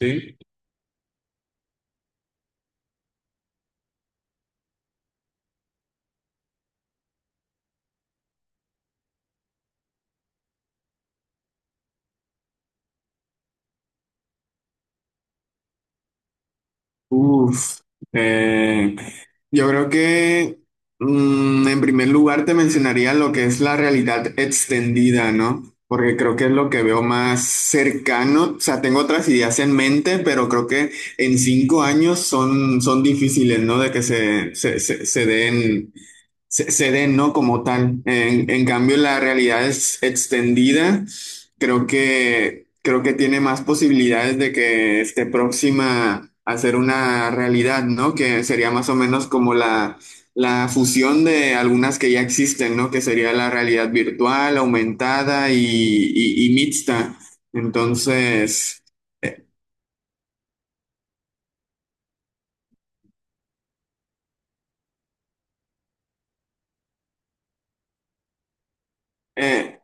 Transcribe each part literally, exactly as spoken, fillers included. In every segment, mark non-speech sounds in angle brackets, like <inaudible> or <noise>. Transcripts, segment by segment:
Sí. Uf, eh, yo creo que mm, en primer lugar te mencionaría lo que es la realidad extendida, ¿no? Porque creo que es lo que veo más cercano. O sea, tengo otras ideas en mente, pero creo que en cinco años son, son difíciles, ¿no? De que se, se, se, se den. se, se den, ¿no? Como tal. En, en cambio, la realidad es extendida. Creo que, creo que tiene más posibilidades de que esté próxima a ser una realidad, ¿no? Que sería más o menos como la, la fusión de algunas que ya existen, ¿no? Que sería la realidad virtual, aumentada y, y- y mixta. Entonces, eh, eh,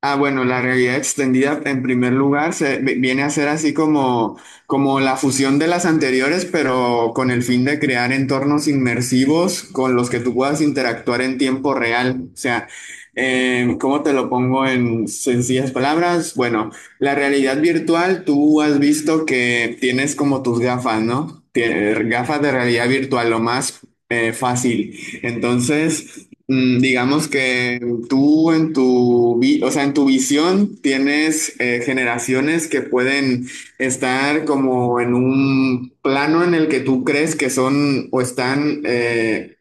ah, bueno, la realidad extendida en primer lugar se, vi- viene a ser así como, como la fusión de las anteriores, pero con el fin de crear entornos inmersivos con los que tú puedas interactuar en tiempo real. O sea, eh, ¿cómo te lo pongo en sencillas palabras? Bueno, la realidad virtual, tú has visto que tienes como tus gafas, ¿no? Tie- gafas de realidad virtual, lo más eh, fácil. Entonces... Mm, digamos que tú en tu, vi- o sea, en tu visión tienes eh, generaciones que pueden estar como en un plano en el que tú crees que son o están eh,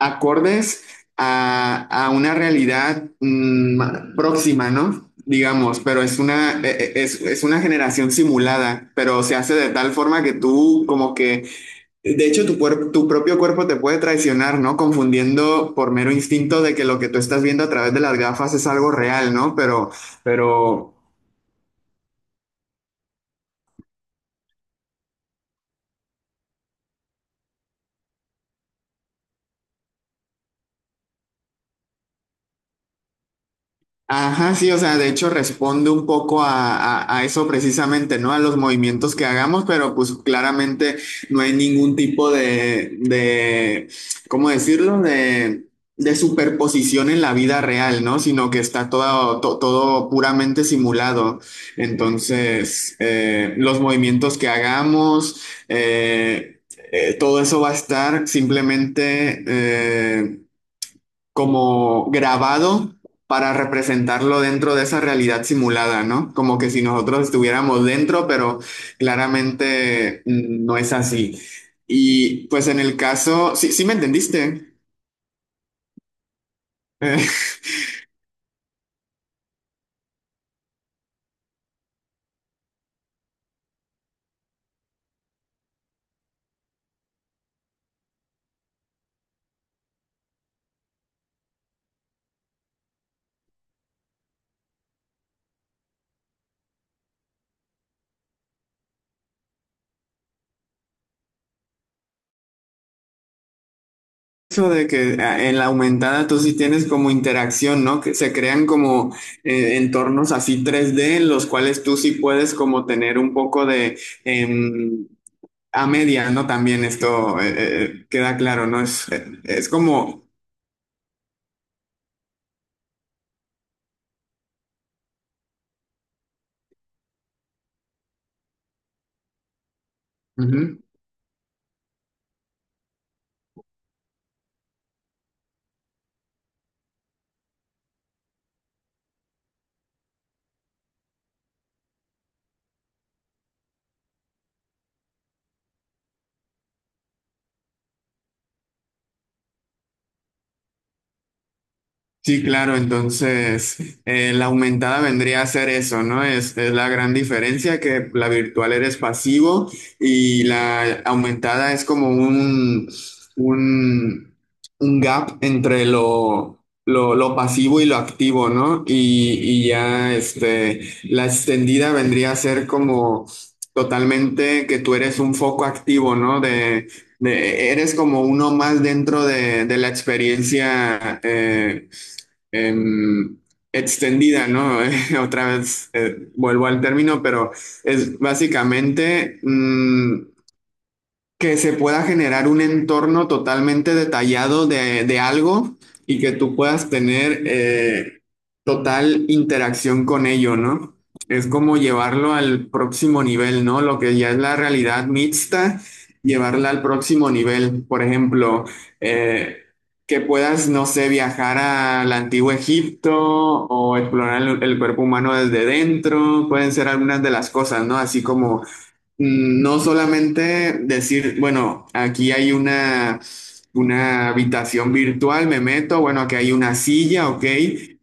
acordes a, a una realidad mm, ma- próxima, ¿no? Digamos, pero es una, e- e- es, es una generación simulada, pero se hace de tal forma que tú como que de hecho, tu, cuerp- tu propio cuerpo te puede traicionar, ¿no? Confundiendo por mero instinto de que lo que tú estás viendo a través de las gafas es algo real, ¿no? Pero, pero ajá, sí, o sea, de hecho responde un poco a, a- a eso precisamente, ¿no? A los movimientos que hagamos, pero pues claramente no hay ningún tipo de, de, ¿cómo decirlo? De, de superposición en la vida real, ¿no? Sino que está todo, to- todo puramente simulado. Entonces, eh, los movimientos que hagamos, eh, eh, todo eso va a estar simplemente... eh, como grabado para representarlo dentro de esa realidad simulada, ¿no? Como que si nosotros estuviéramos dentro, pero claramente mm, no es así. Y pues en el caso, sí, sí me entendiste. Eh, <laughs> Eso de que ah, en la aumentada tú sí tienes como interacción, ¿no? Que se crean como eh, entornos así tres D en los cuales tú sí puedes como tener un poco de em, a media, ¿no? También esto eh, eh, queda claro, ¿no? Es, eh, es como ujú. Sí, claro, entonces eh, la aumentada vendría a ser eso, ¿no? Es, es la gran diferencia que la virtual eres pasivo y la aumentada es como un, un, un gap entre lo, lo, lo pasivo y lo activo, ¿no? Y, y ya este, la extendida vendría a ser como totalmente que tú eres un foco activo, ¿no? De, de- eres como uno más dentro de, de la experiencia. eh, em, Extendida, ¿no? <laughs> Otra vez eh, vuelvo al término, pero es básicamente mm, que se pueda generar un entorno totalmente detallado de, de algo y que tú puedas tener eh, total interacción con ello, ¿no? Es como llevarlo al próximo nivel, ¿no? Lo que ya es la realidad mixta, llevarla al próximo nivel. Por ejemplo, eh, que puedas, no sé, viajar al antiguo Egipto o explorar el, el cuerpo humano desde dentro, pueden ser algunas de las cosas, ¿no? Así como Mm, no solamente decir, bueno, aquí hay una, una habitación virtual, me meto, bueno, aquí hay una silla, ok,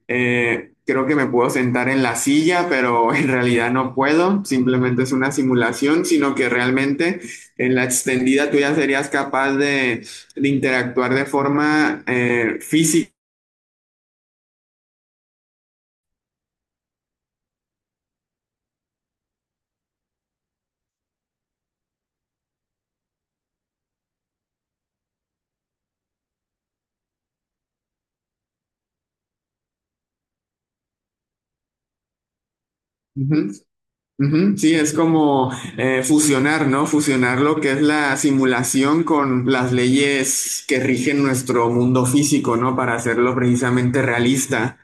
eh, creo que me puedo sentar en la silla, pero <laughs> en realidad no puedo, simplemente es una simulación, sino que realmente en la extendida tú ya serías capaz de, de interactuar de forma eh, física. Ujú, ujú, sí, es como eh, fusionar, ¿no? Fusionar lo que es la simulación con las leyes que rigen nuestro mundo físico, ¿no? Para hacerlo precisamente realista.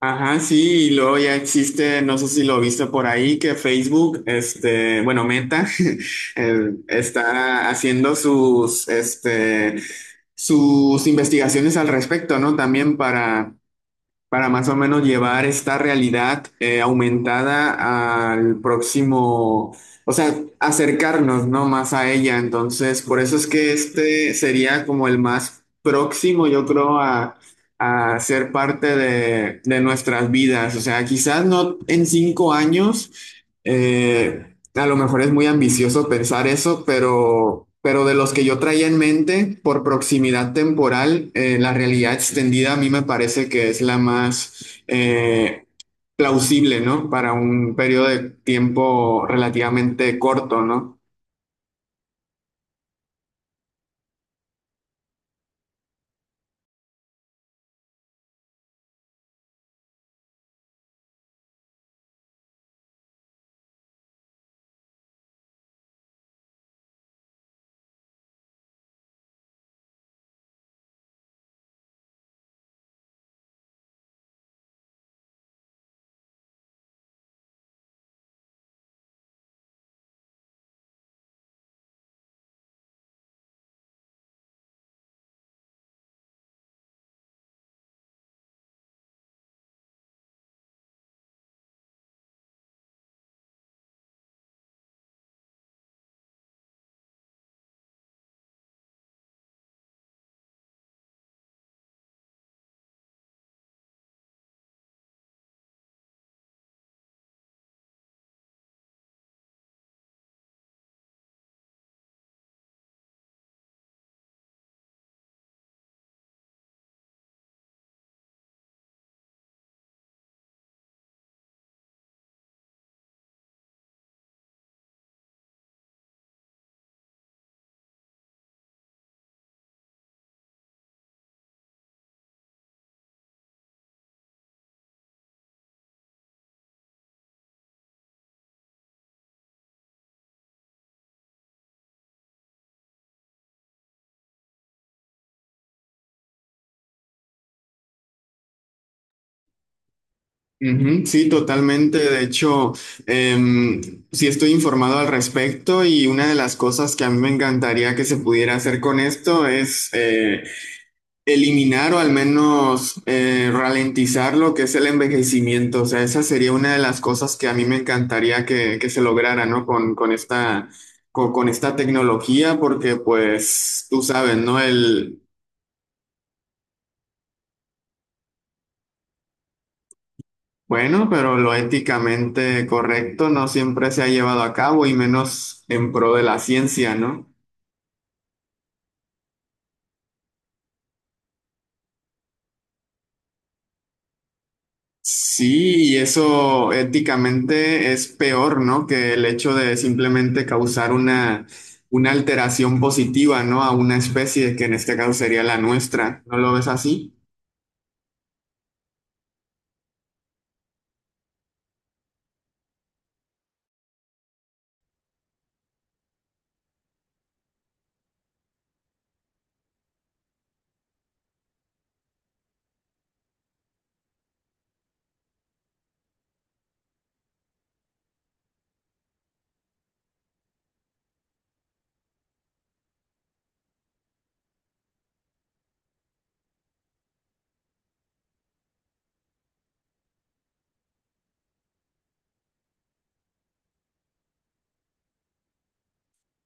Ajá, sí, y luego ya existe, no sé si lo viste por ahí, que Facebook, este, bueno, Meta, <laughs> eh, está haciendo sus, este, sus investigaciones al respecto, ¿no? También para para más o menos llevar esta realidad eh, aumentada al próximo, o sea, acercarnos, ¿no? Más a ella. Entonces, por eso es que este sería como el más próximo, yo creo, a, a ser parte de, de nuestras vidas. O sea, quizás no en cinco años. eh, a lo mejor es muy ambicioso pensar eso, pero, pero de los que yo traía en mente, por proximidad temporal, eh, la realidad extendida a mí me parece que es la más eh, plausible, ¿no? Para un periodo de tiempo relativamente corto, ¿no? Ujú, sí, totalmente. De hecho, em, sí estoy informado al respecto y una de las cosas que a mí me encantaría que se pudiera hacer con esto es... eh, eliminar o al menos eh, ralentizar lo que es el envejecimiento. O sea, esa sería una de las cosas que a mí me encantaría que, que se lograra, ¿no? Con, con esta, con, con esta tecnología, porque pues tú sabes, ¿no? El, bueno, pero lo éticamente correcto no siempre se ha llevado a cabo y menos en pro de la ciencia, ¿no? Sí, y eso éticamente es peor, ¿no? Que el hecho de simplemente causar una, una alteración positiva, ¿no? A una especie, que en este caso sería la nuestra. ¿No lo ves así?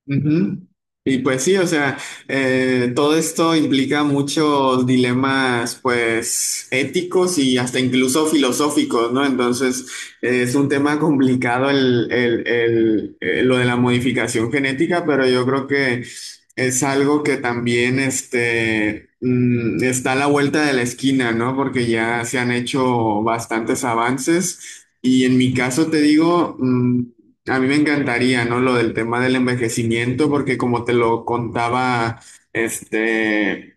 Ujú. Y pues sí, o sea, eh, todo esto implica muchos dilemas, pues, éticos y hasta incluso filosóficos, ¿no? Entonces, eh, es un tema complicado el, el- el- eh, lo de la modificación genética, pero yo creo que es algo que también, este, mm, está a la vuelta de la esquina, ¿no? Porque ya se han hecho bastantes avances. Y en mi caso te digo, mm, a mí me encantaría, ¿no? Lo del tema del envejecimiento, porque como te lo contaba, este,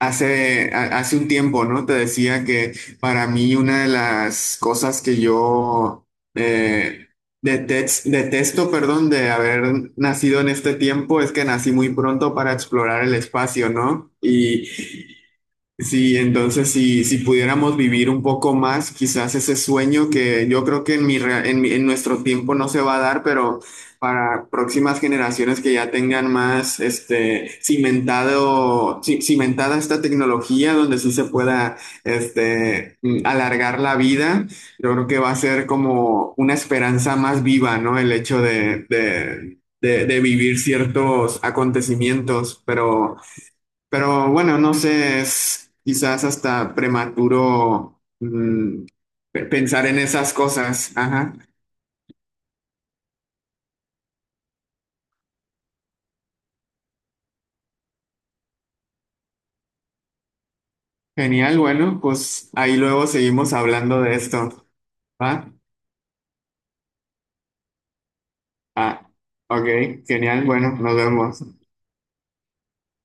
hace, a- hace un tiempo, ¿no? Te decía que para mí una de las cosas que yo eh, detex- detesto, perdón, de haber nacido en este tiempo es que nací muy pronto para explorar el espacio, ¿no? Y sí, entonces si, si pudiéramos vivir un poco más, quizás ese sueño que yo creo que en mi, rea- en mi- en nuestro tiempo no se va a dar, pero para próximas generaciones que ya tengan más este, cimentado, ci- cimentada esta tecnología donde sí se pueda este, mm, alargar la vida, yo creo que va a ser como una esperanza más viva, ¿no? El hecho de, de, de de vivir ciertos acontecimientos, pero... Pero bueno, no sé, es quizás hasta prematuro mm, pe- pensar en esas cosas. Ajá. Genial, bueno, pues ahí luego seguimos hablando de esto. ¿Va? Ah, ok, genial, bueno, nos vemos.